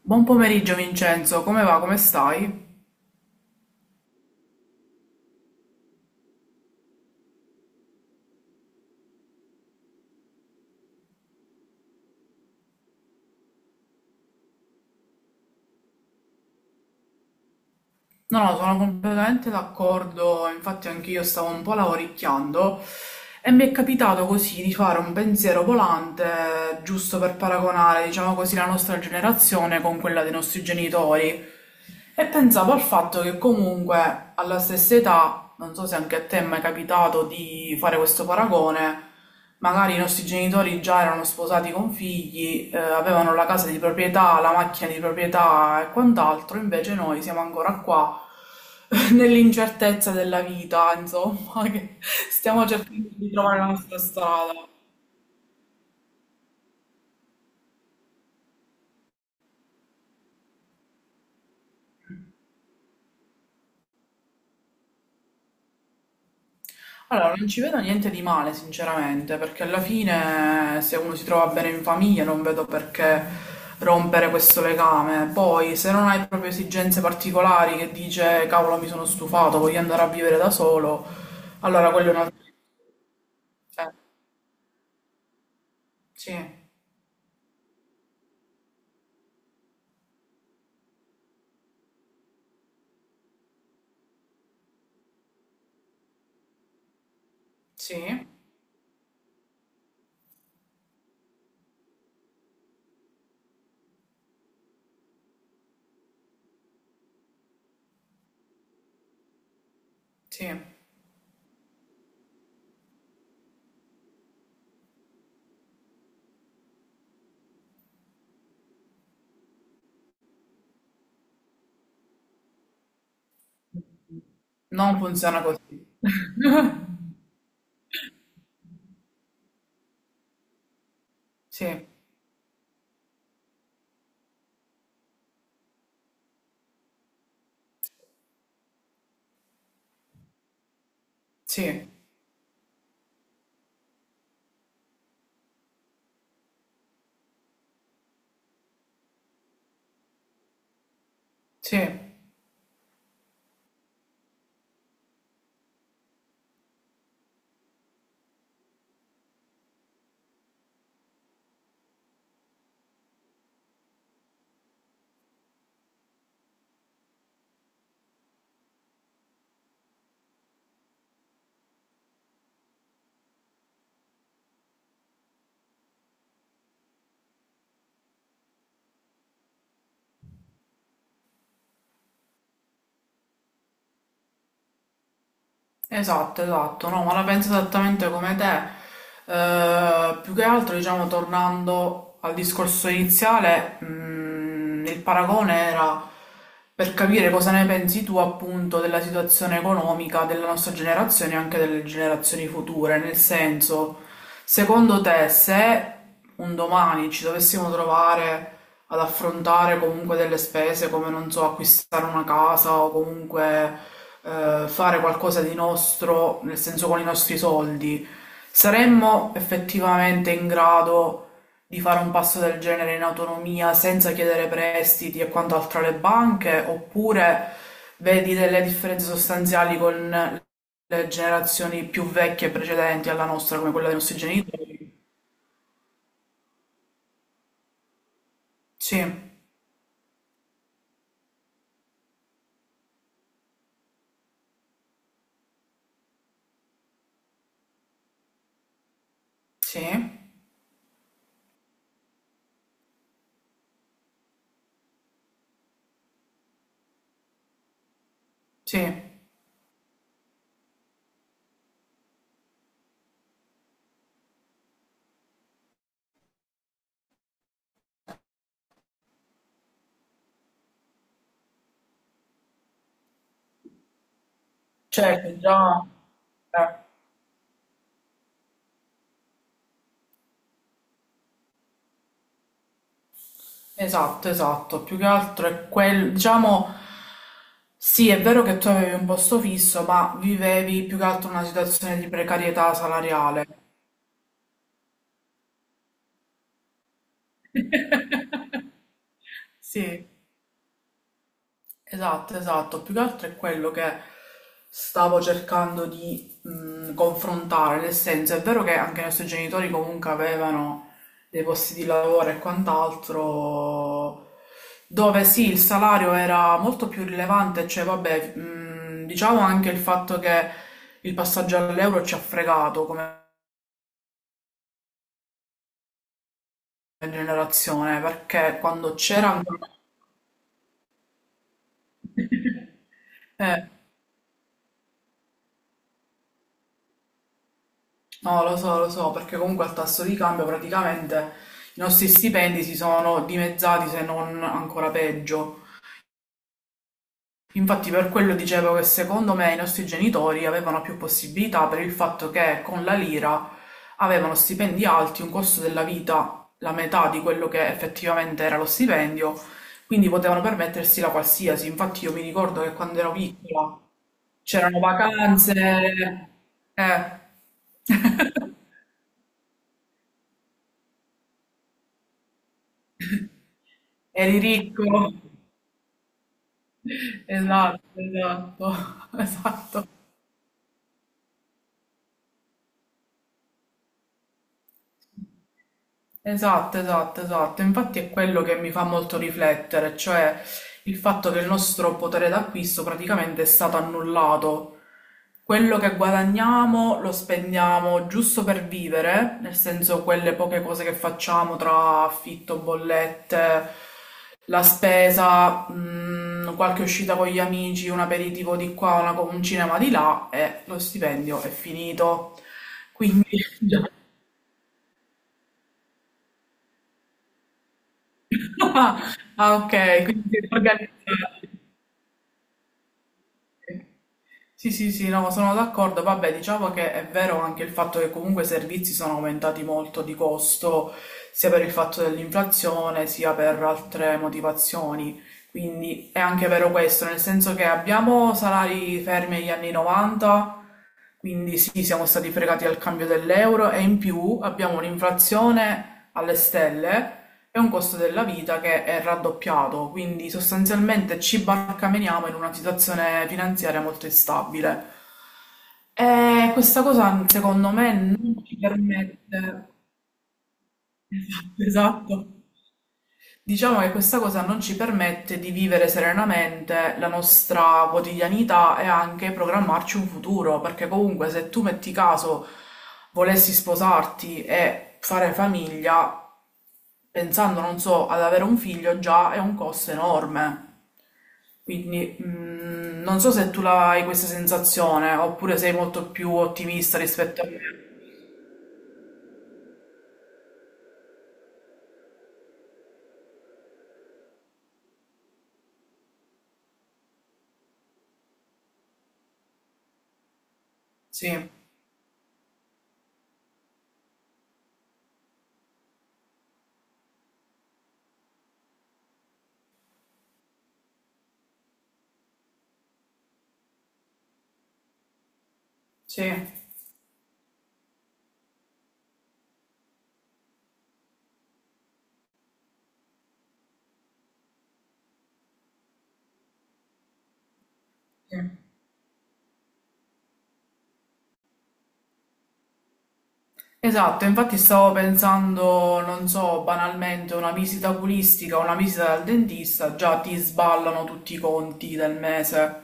Buon pomeriggio Vincenzo, come va? Come stai? No, no, sono completamente d'accordo, infatti anch'io stavo un po' lavoricchiando e mi è capitato così di fare un pensiero volante, giusto per paragonare, diciamo così, la nostra generazione con quella dei nostri genitori. E pensavo al fatto che comunque alla stessa età, non so se anche a te è mai capitato di fare questo paragone, magari i nostri genitori già erano sposati con figli, avevano la casa di proprietà, la macchina di proprietà e quant'altro, invece noi siamo ancora qua nell'incertezza della vita, insomma, che stiamo cercando di trovare la nostra strada. Allora, non ci vedo niente di male, sinceramente, perché alla fine se uno si trova bene in famiglia non vedo perché rompere questo legame. Poi, se non hai proprio esigenze particolari che dice cavolo, mi sono stufato, voglio andare a vivere da solo, allora quello è un altro... Eh, sì, sì, sì. Non funziona così. Sì, sì, sì. Esatto, esatto, no, ma la penso esattamente come te. Più che altro, diciamo, tornando al discorso iniziale, il paragone era per capire cosa ne pensi tu appunto della situazione economica della nostra generazione e anche delle generazioni future, nel senso, secondo te, se un domani ci dovessimo trovare ad affrontare comunque delle spese come, non so, acquistare una casa o comunque fare qualcosa di nostro, nel senso con i nostri soldi, saremmo effettivamente in grado di fare un passo del genere in autonomia senza chiedere prestiti e quant'altro alle banche, oppure vedi delle differenze sostanziali con le generazioni più vecchie e precedenti alla nostra, come quella dei nostri genitori? Sì. Sì, sì. Certo, già... eh, Esatto, esatto. Più che altro è quel... Diciamo, sì, è vero che tu avevi un posto fisso, ma vivevi più che altro una situazione di precarietà salariale. Sì. Esatto, esatto. Più che altro è quello che stavo cercando di confrontare, nel senso è vero che anche i nostri genitori comunque avevano dei posti di lavoro e quant'altro, dove sì, il salario era molto più rilevante, cioè vabbè, diciamo anche il fatto che il passaggio all'euro ci ha fregato come generazione, perché quando c'era ancora... Eh, no, lo so, perché comunque al tasso di cambio praticamente i nostri stipendi si sono dimezzati, se non ancora peggio. Infatti per quello dicevo che secondo me i nostri genitori avevano più possibilità per il fatto che con la lira avevano stipendi alti, un costo della vita la metà di quello che effettivamente era lo stipendio, quindi potevano permettersi la qualsiasi. Infatti io mi ricordo che quando ero piccola c'erano vacanze, eh, eri ricco. Esatto, esatto, esatto, esatto, esatto, esatto. Infatti è quello che mi fa molto riflettere, cioè il fatto che il nostro potere d'acquisto praticamente è stato annullato. Quello che guadagniamo lo spendiamo giusto per vivere, nel senso quelle poche cose che facciamo tra affitto, bollette, la spesa, qualche uscita con gli amici, un aperitivo di qua, un cinema di là e lo stipendio è finito. Quindi già, ah, ah, okay, quindi siete organizzati. Sì, sì, sì, no, sono d'accordo. Vabbè, diciamo che è vero anche il fatto che comunque i servizi sono aumentati molto di costo, sia per il fatto dell'inflazione, sia per altre motivazioni. Quindi è anche vero questo, nel senso che abbiamo salari fermi agli anni 90. Quindi sì, siamo stati fregati al cambio dell'euro e in più abbiamo un'inflazione alle stelle e un costo della vita che è raddoppiato, quindi sostanzialmente ci barcameniamo in una situazione finanziaria molto instabile. E questa cosa secondo me non ci permette... Esatto. Diciamo che questa cosa non ci permette di vivere serenamente la nostra quotidianità e anche programmarci un futuro, perché comunque se tu metti caso volessi sposarti e fare famiglia, pensando, non so, ad avere un figlio già è un costo enorme. Quindi non so se tu la hai questa sensazione oppure sei molto più ottimista rispetto a me. Sì, sì, sì. Esatto, infatti stavo pensando, non so, banalmente una visita oculistica, una visita dal dentista, già ti sballano tutti i conti del mese.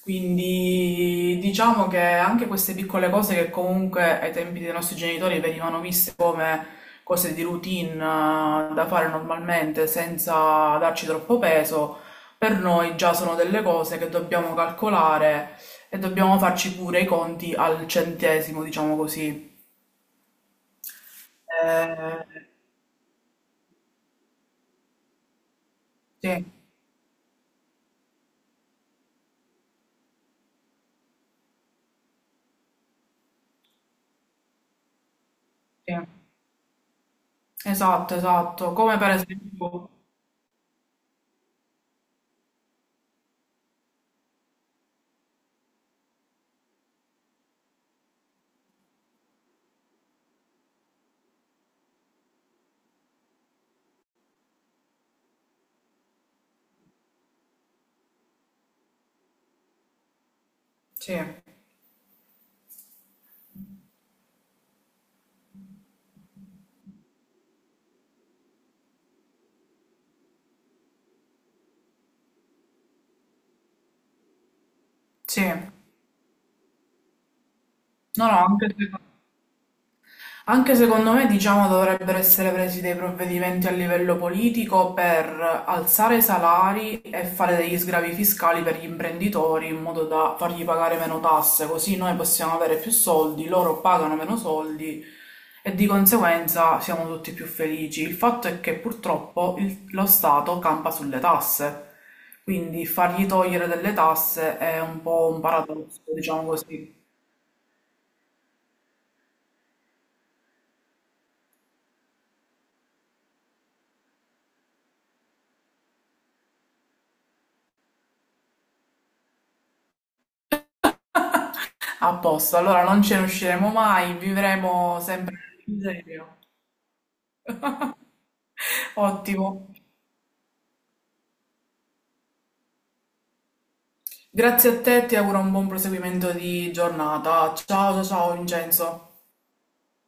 Quindi diciamo che anche queste piccole cose che comunque ai tempi dei nostri genitori venivano viste come cose di routine da fare normalmente senza darci troppo peso, per noi già sono delle cose che dobbiamo calcolare e dobbiamo farci pure i conti al centesimo, diciamo così. Eh, sì, sì, esatto, esatto, come per esempio, sì, sì, no, no, Anche secondo me, diciamo, dovrebbero essere presi dei provvedimenti a livello politico per alzare i salari e fare degli sgravi fiscali per gli imprenditori in modo da fargli pagare meno tasse, così noi possiamo avere più soldi, loro pagano meno soldi e di conseguenza siamo tutti più felici. Il fatto è che purtroppo lo Stato campa sulle tasse, quindi fargli togliere delle tasse è un po' un paradosso, diciamo così. A posto, allora non ce ne usciremo mai, vivremo sempre in serio. Ottimo. Grazie a te, ti auguro un buon proseguimento di giornata. Ciao, ciao, ciao Vincenzo.